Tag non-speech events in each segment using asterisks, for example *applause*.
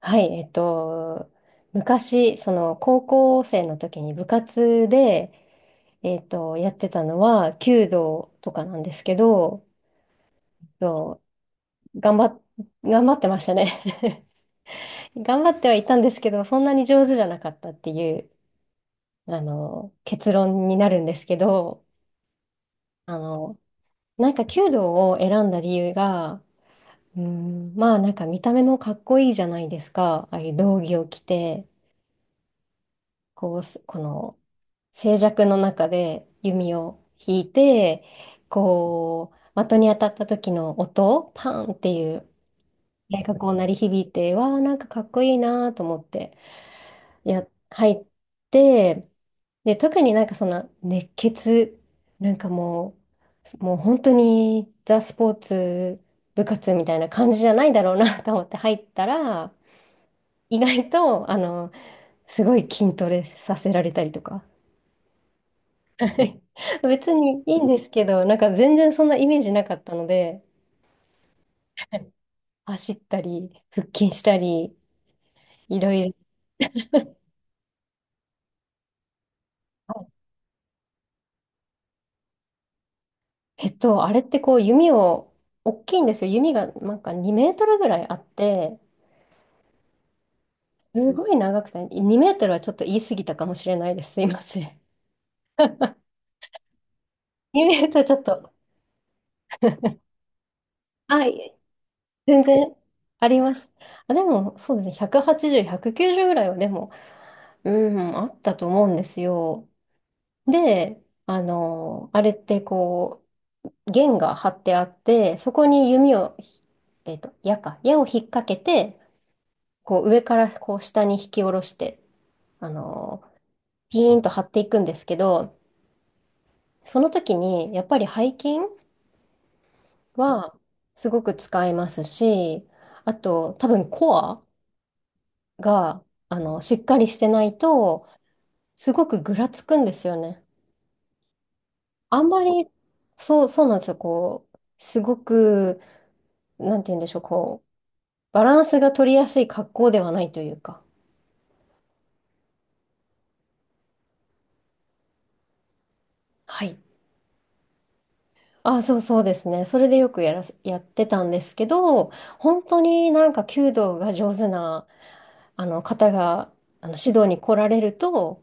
はい、昔、その高校生の時に部活で、やってたのは弓道とかなんですけど、そう、頑張ってましたね。 *laughs* 頑張ってはいたんですけど、そんなに上手じゃなかったっていう、結論になるんですけど、あの、なんか弓道を選んだ理由が、うーん、まあなんか見た目もかっこいいじゃないですか、ああいう道着を着て、こうす、この、静寂の中で弓を引いて、こう、的に当たった時の音、パンっていう音がこう鳴り響いて、わあ、なんかかっこいいなと思って、や、入って、で、特になんかその熱血、なんかもう本当にザ・スポーツ部活みたいな感じじゃないだろうな *laughs* と思って入ったら、意外と、すごい筋トレさせられたりとか。はい。 *laughs* 別にいいんですけど、なんか全然そんなイメージなかったので、走ったり、腹筋したり、いろいろ。はい。あれってこう弓を、大きいんですよ。弓がなんか2メートルぐらいあって、すごい長くて、2メートルはちょっと言い過ぎたかもしれないです。すいません。2メートルちょっと、はい、全然あります。あ、でも、そうですね、180、190ぐらいはでも、うん、あったと思うんですよ。で、あれってこう、弦が張ってあって、そこに弓をひ、矢を引っ掛けて、こう上からこう下に引き下ろして、あのーピーンと張っていくんですけど、その時にやっぱり背筋はすごく使えますし、あと多分コアが、しっかりしてないと、すごくぐらつくんですよね。あんまり、そう、そうなんですよ。こう、すごく、なんて言うんでしょう、こう、バランスが取りやすい格好ではないというか。はい。あ、そうそうですね。それでよくやらせ、やってたんですけど、本当になんか弓道が上手な、あの方が、あの指導に来られると、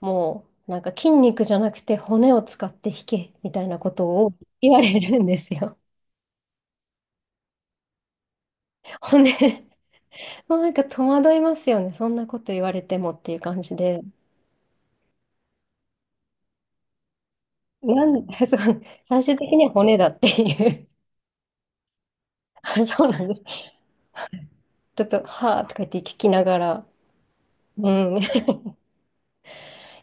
もうなんか筋肉じゃなくて骨を使って弾け、みたいなことを言われるんですよ。骨、もうなんか戸惑いますよね。そんなこと言われてもっていう感じで。なんで、 *laughs* そう、最終的には骨だっていう。*laughs* そうなんです。ちょっと、はあとか言って聞きながら、うん、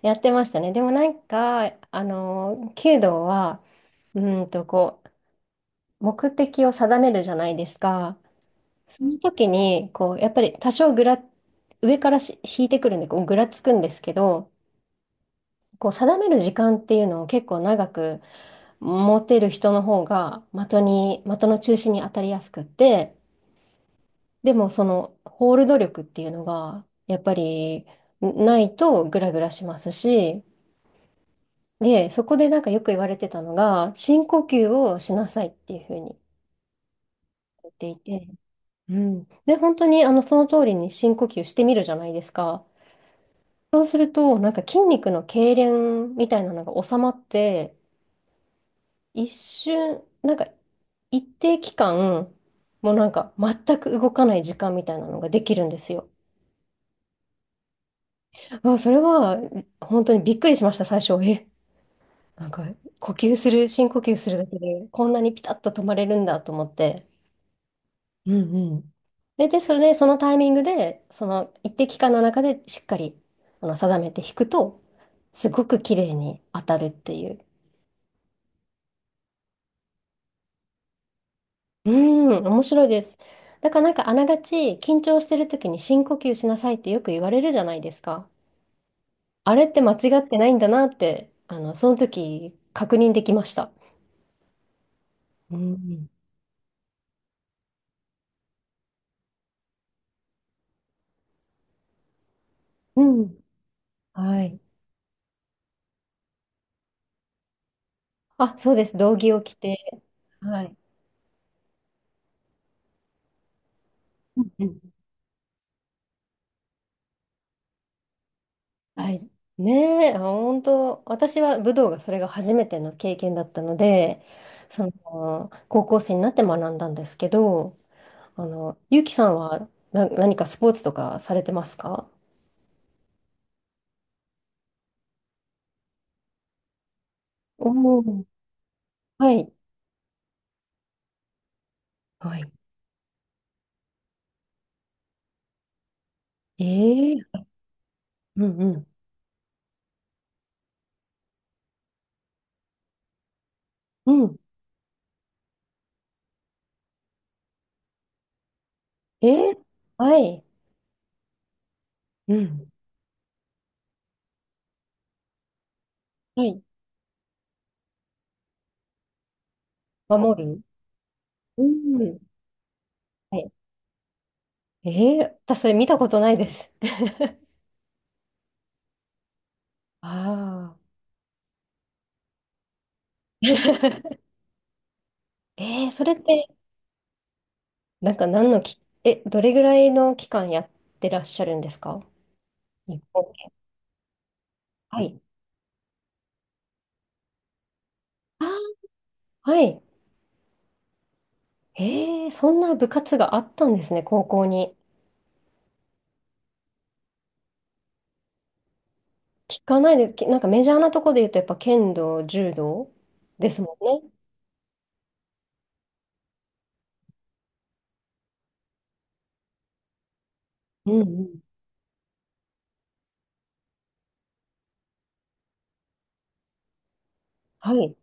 やってましたね。でもなんか、弓道は、こう、目的を定めるじゃないですか。その時に、こう、やっぱり多少ぐら、上から引いてくるんで、こう、ぐらつくんですけど、こう、定める時間っていうのを結構長く持てる人の方が、的に、的の中心に当たりやすくって、でもその、ホールド力っていうのが、やっぱり、ないとグラグラしますし、で、そこでなんかよく言われてたのが、深呼吸をしなさいっていうふうに言っていて、うん。で、本当にその通りに深呼吸してみるじゃないですか。そうすると、なんか筋肉の痙攣みたいなのが収まって、一瞬、なんか一定期間、もうなんか全く動かない時間みたいなのができるんですよ。あ、それは本当にびっくりしました、最初。え、なんか呼吸する、深呼吸するだけでこんなにピタッと止まれるんだと思って。うんうん。で、それで、そのタイミングで、その一定期間の中でしっかり定めて弾くと、すごく綺麗に当たるっていう。うん、面白いです。だからなんかあながち緊張してる時に深呼吸しなさいってよく言われるじゃないですか。あれって間違ってないんだなって、その時確認できました。うん。うん。はい。あ、そうです。道着を着て。はい。ううん、うん、はい。ねえ、本当、私は武道がそれが初めての経験だったので、その、高校生になって学んだんですけど、ゆうきさんは何かスポーツとかされてますか？おー、はい。はい。ええ、うんうん。うん。ええ、はい。うん。はい。守るうん。はい。ええ、私それ見たことないです。*laughs* ああ。*laughs* ええ、それってなんか何のき、え、どれぐらいの期間やってらっしゃるんですか？日本。はい。あー、はい。そんな部活があったんですね、高校に。聞かないで、なんかメジャーなとこで言うと、やっぱ剣道、柔道ですもんね。うんうん。はい。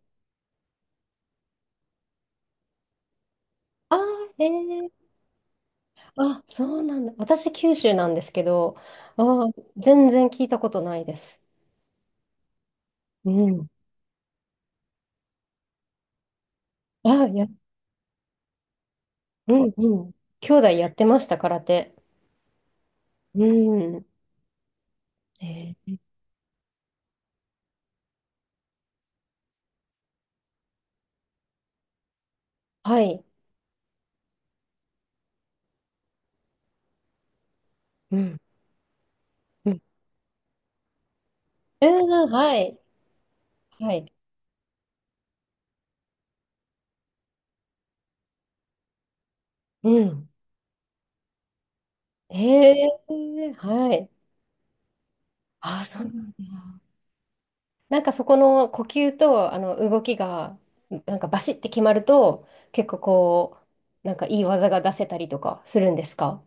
あー。ー、あ、そうなんだ。私、九州なんですけど、あー、全然聞いたことないです。うん。あや、うんうん。兄弟やってました、空手。うん。えーはい。うんうん、うん、はい。はい。うん。へえ、はい。ああ、そうなんだ。なんかそこの呼吸とあの動きが、なんかバシッて決まると、結構こう、なんかいい技が出せたりとかするんですか？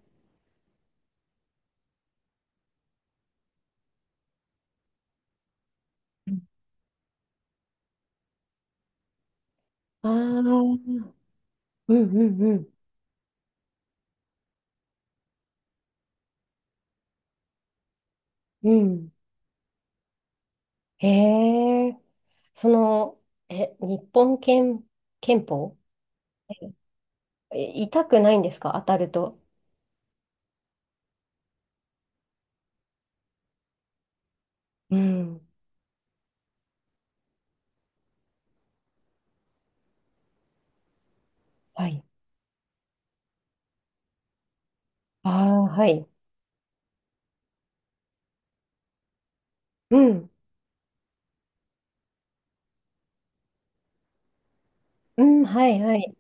ああー。うんうんうん。うん。へえ、その、え、日本憲、憲法、痛くないんですか、当たると？うん。はい。ああ、はい。うん。うん、はい、はい。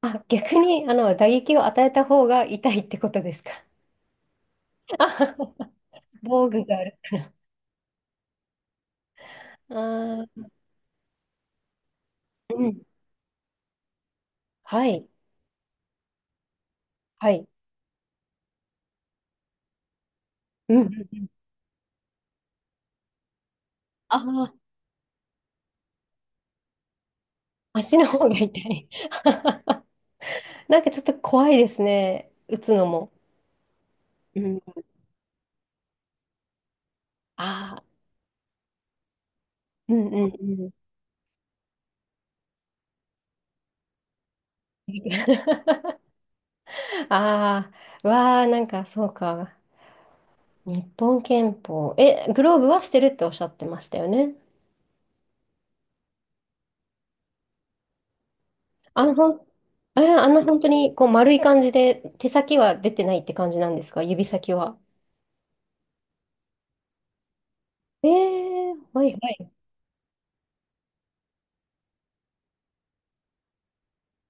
あ、逆に、打撃を与えた方が痛いってことですか？あ。 *laughs* 防具がある。あー、うん。はい。はい。うんうん。ああ、足の方が痛い。*laughs* なんかちょっと怖いですね。打つのも。うん。ああ、うんうんうん。*laughs* ああ、わあ、なんかそうか。日本拳法。え、グローブはしてるっておっしゃってましたよね？あの、ほん、え、あんな本当にこう丸い感じで、手先は出てないって感じなんですか、指先は？えはいはい。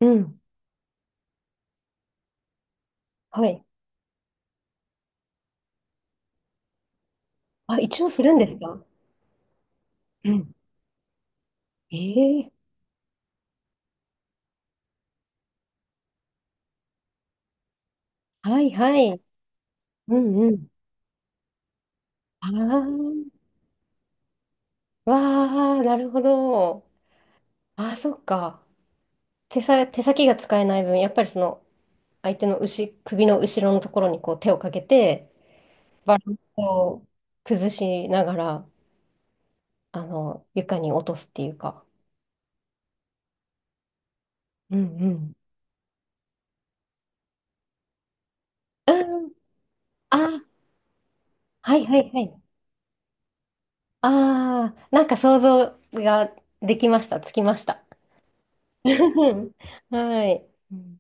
うん。はい。あ、一応するんですか？うん。えーはいはい。うんうん。ああ、わあ、なるほど。ああ、そっか。手先が使えない分、やっぱりその、相手の後、首の後ろのところにこう手をかけて、バランスを崩しながら、床に落とすっていうか。うんうん。うん。あ、はいはいはい。ああ、なんか想像ができました。つきました。*laughs* はい。うん